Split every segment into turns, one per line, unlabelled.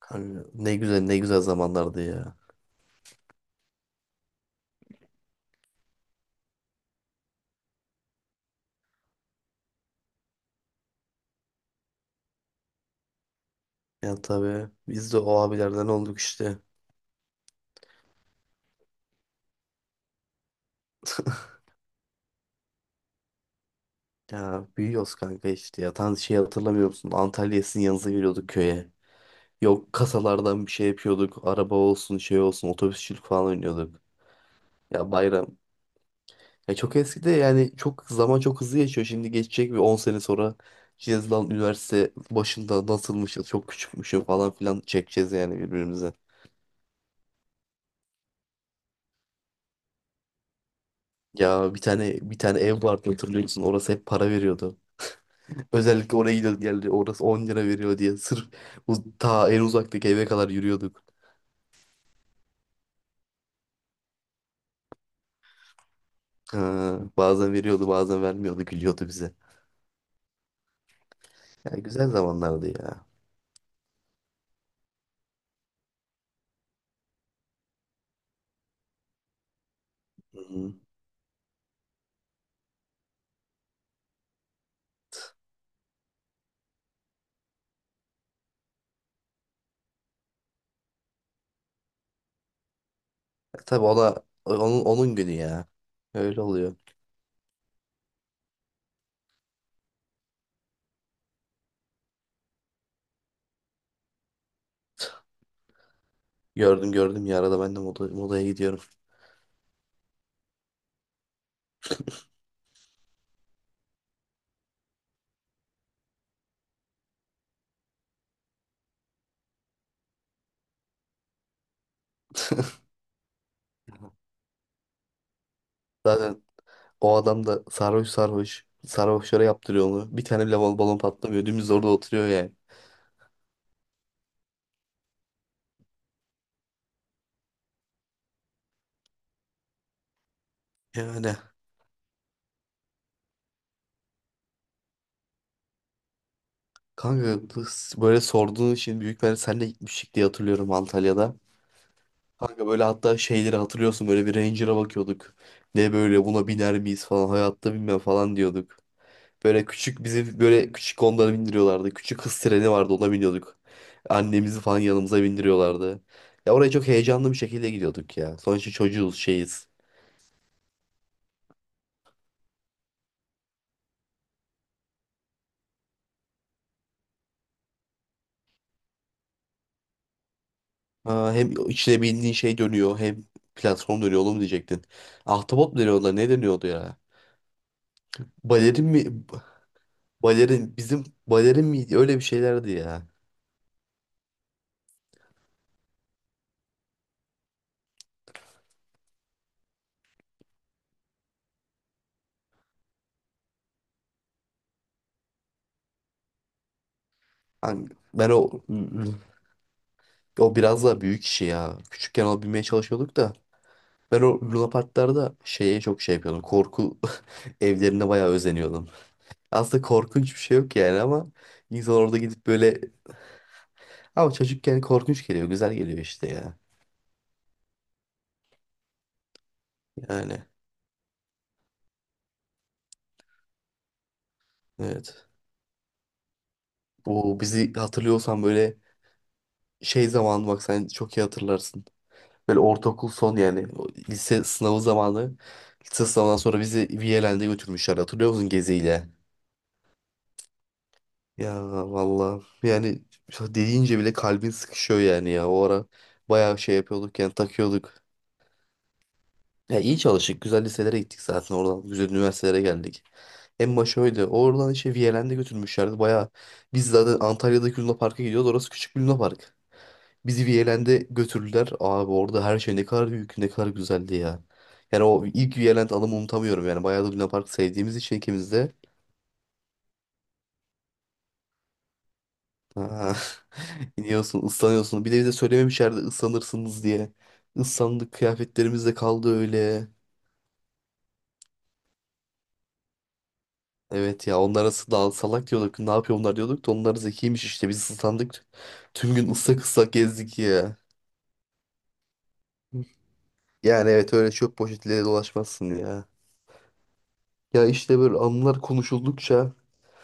Kanka, ne güzel ne güzel zamanlardı ya. Ya tabii biz de o abilerden olduk işte. Ya büyüyoruz kanka işte ya. Şey hatırlamıyor musun? Antalya'ya sizin yanınıza geliyorduk köye. Yok, kasalardan bir şey yapıyorduk. Araba olsun, şey olsun, otobüsçülük falan oynuyorduk. Ya bayram. Ya çok eski de, yani çok zaman çok hızlı geçiyor. Şimdi geçecek, bir 10 sene sonra Cezlan üniversite başında nasılmışız, çok küçükmüşüm falan filan çekeceğiz yani birbirimize. Ya bir tane ev vardı, hatırlıyor musun? Orası hep para veriyordu. Özellikle oraya gidiyorduk geldi. Orası 10 lira veriyor diye. Sırf ta en uzaktaki eve kadar yürüyorduk. Ha, bazen veriyordu, bazen vermiyordu. Gülüyordu bize. Ya güzel zamanlardı ya. Hı-hı. E tabii, onun günü ya. Öyle oluyor. Gördüm gördüm ya, arada ben de modaya gidiyorum. Zaten o adam da sarhoş sarhoş. Sarhoşlara yaptırıyor onu. Bir tane bile balon patlamıyor. Dümdüz orada oturuyor yani. Yani kanka, böyle sorduğun için büyük ben senle gitmiştik diye hatırlıyorum Antalya'da. Kanka, böyle hatta şeyleri hatırlıyorsun, böyle bir Ranger'a bakıyorduk. Ne, böyle buna biner miyiz falan, hayatta binmem falan diyorduk. Böyle küçük, bizi böyle küçük Honda'lara bindiriyorlardı. Küçük hız treni vardı, ona biniyorduk. Annemizi falan yanımıza bindiriyorlardı. Ya oraya çok heyecanlı bir şekilde gidiyorduk ya. Sonuçta çocuğuz şeyiz. Ha, hem içine bindiğin şey dönüyor, hem platform dönüyor oğlum diyecektin. Ahtapot mu deniyor ona, ne deniyordu ya? Balerin mi? Balerin, bizim balerin miydi? Öyle bir şeylerdi ya. Hani Ben o o biraz daha büyük işi ya. Küçükken alabilmeye çalışıyorduk da. Ben o Luna Parklarda şeye çok şey yapıyordum. Korku evlerine bayağı özeniyordum. Aslında korkunç bir şey yok yani, ama insan orada gidip böyle... Ama çocukken korkunç geliyor, güzel geliyor işte ya. Yani evet. Bu bizi hatırlıyorsan, böyle şey zamanı, bak sen çok iyi hatırlarsın. Böyle ortaokul son, yani o lise sınavı zamanı. Lise sınavından sonra bizi Viyelen'de götürmüşler, hatırlıyor musun, geziyle? Ya valla, yani dediğince bile kalbin sıkışıyor yani ya. O ara bayağı şey yapıyorduk yani, takıyorduk. Ya iyi çalıştık. Güzel liselere gittik zaten oradan. Güzel üniversitelere geldik. En başı öyle. Oradan işte Viyelen'de götürmüşlerdi. Bayağı, biz zaten Antalya'daki Luna Park'a gidiyoruz. Orası küçük bir Luna Park. Bizi Viyelen'de götürdüler. Abi, orada her şey ne kadar büyük, ne kadar güzeldi ya. Yani o ilk Viyeland anımı unutamıyorum yani. Bayağı da Luna Park sevdiğimiz için ikimiz de. Aha. İniyorsun, ıslanıyorsun. Bir de bize söylememiş yerde ıslanırsınız diye. Islandık, kıyafetlerimiz de kaldı öyle. Evet ya, onlara s- daha salak diyorduk. Ne yapıyor bunlar diyorduk da, onlar zekiymiş işte. Biz ıslandık. Tüm gün ıslak ıslak gezdik ya. Yani evet, öyle çöp poşetiyle dolaşmazsın ya. Ya işte, böyle anılar konuşuldukça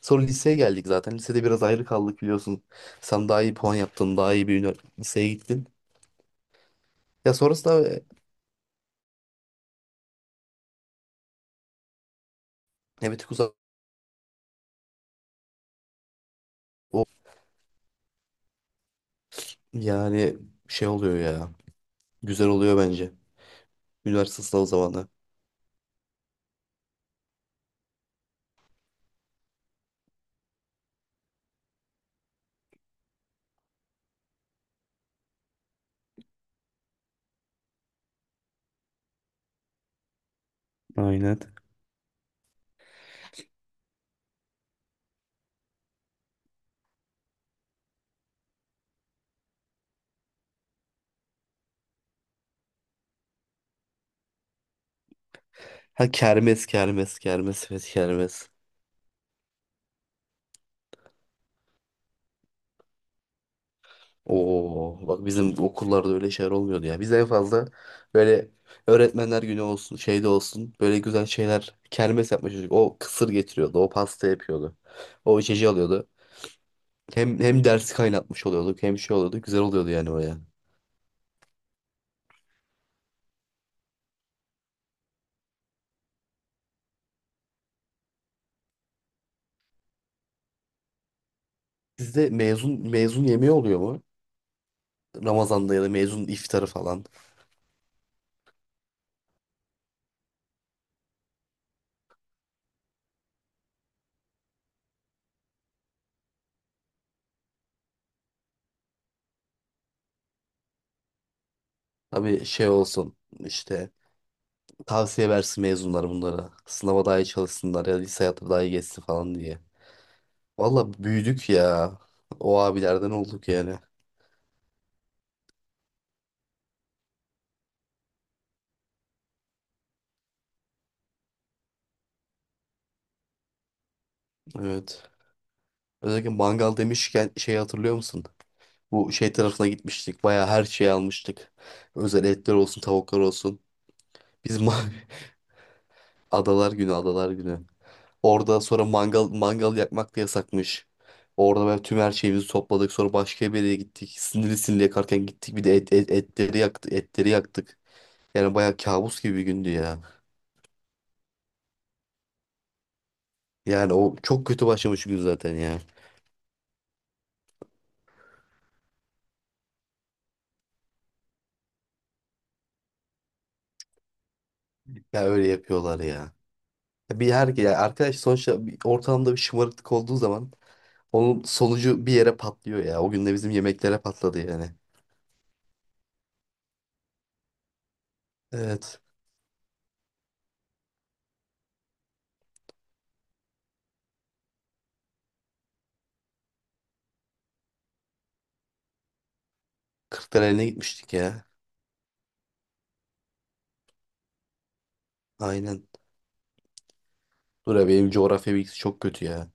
sonra liseye geldik zaten. Lisede biraz ayrı kaldık, biliyorsun. Sen daha iyi puan yaptın, daha iyi bir liseye gittin. Ya sonrasında evet, uzak o yani şey oluyor ya. Güzel oluyor bence. Üniversite sınavı zamanı. Aynen. Ha, kermes kermes kermes, evet, kermes. Oo, bak, bizim okullarda öyle şeyler olmuyordu ya. Biz en fazla böyle öğretmenler günü olsun, şeyde olsun, böyle güzel şeyler, kermes yapmış çocuk. O kısır getiriyordu, o pasta yapıyordu. O içeceği alıyordu. Hem dersi kaynatmış oluyorduk, hem şey oluyordu, güzel oluyordu yani o yani. Sizde mezun yemeği oluyor mu? Ramazan'da ya da mezun iftarı falan. Tabii şey olsun işte, tavsiye versin mezunlar bunlara. Sınava daha iyi çalışsınlar ya da lise hayatı daha iyi geçsin falan diye. Valla büyüdük ya. O abilerden olduk yani. Evet. Özellikle mangal demişken, şey, hatırlıyor musun? Bu şey tarafına gitmiştik. Baya her şeyi almıştık. Özel etler olsun, tavuklar olsun. Biz ma- adalar günü, adalar günü. Orada sonra mangal yakmak da yasakmış. Orada böyle tüm her şeyimizi topladık. Sonra başka bir yere gittik. Sinirli sinirli yakarken gittik. Bir de etleri yaktık, etleri yaktık. Yani bayağı kabus gibi bir gündü ya. Yani o çok kötü başlamış gün zaten ya. Ya öyle yapıyorlar ya. Ya bir her ya, arkadaş sonuçta bir ortamda bir şımarıklık olduğu zaman onun sonucu bir yere patlıyor ya. O gün de bizim yemeklere patladı yani. Evet. Kırklareli'ne gitmiştik ya. Aynen. Dur ya, benim coğrafya bilgisi çok kötü ya.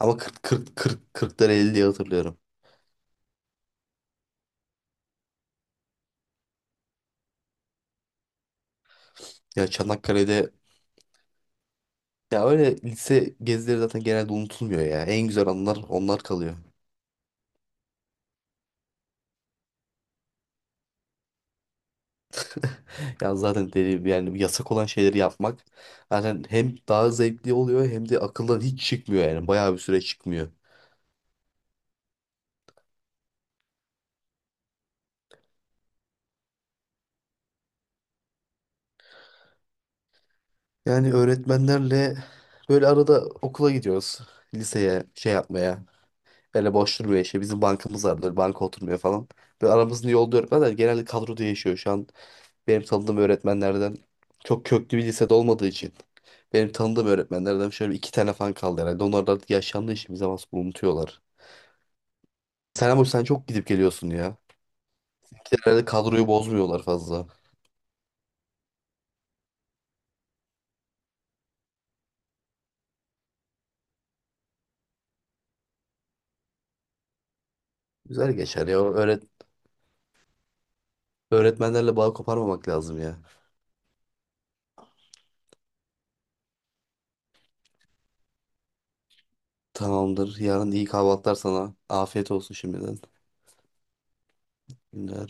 Ama 40 40 40 40'tan 50 diye hatırlıyorum. Ya Çanakkale'de, ya öyle lise gezileri zaten genelde unutulmuyor ya. En güzel anılar onlar kalıyor. Ya zaten deli, yani yasak olan şeyleri yapmak zaten hem daha zevkli oluyor, hem de akıldan hiç çıkmıyor yani. Bayağı bir süre çıkmıyor. Yani öğretmenlerle böyle arada okula gidiyoruz. Liseye şey yapmaya. Böyle boş durmuyor işte. Bizim bankamız var, böyle banka oturmuyor falan. Böyle aramızda yolda öğretmenler genelde kadroda yaşıyor. Şu an benim tanıdığım öğretmenlerden, çok köklü bir lisede olmadığı için benim tanıdığım öğretmenlerden şöyle 2 tane fan kaldı herhalde. Onlar da artık yaşlandığı için bir zaman sonra unutuyorlar. Sen ama, sen çok gidip geliyorsun ya. Bir de herhalde kadroyu bozmuyorlar fazla. Güzel geçer ya. Öğretmenlerle bağ koparmamak lazım ya. Tamamdır. Yarın iyi kahvaltılar sana. Afiyet olsun şimdiden. Günler.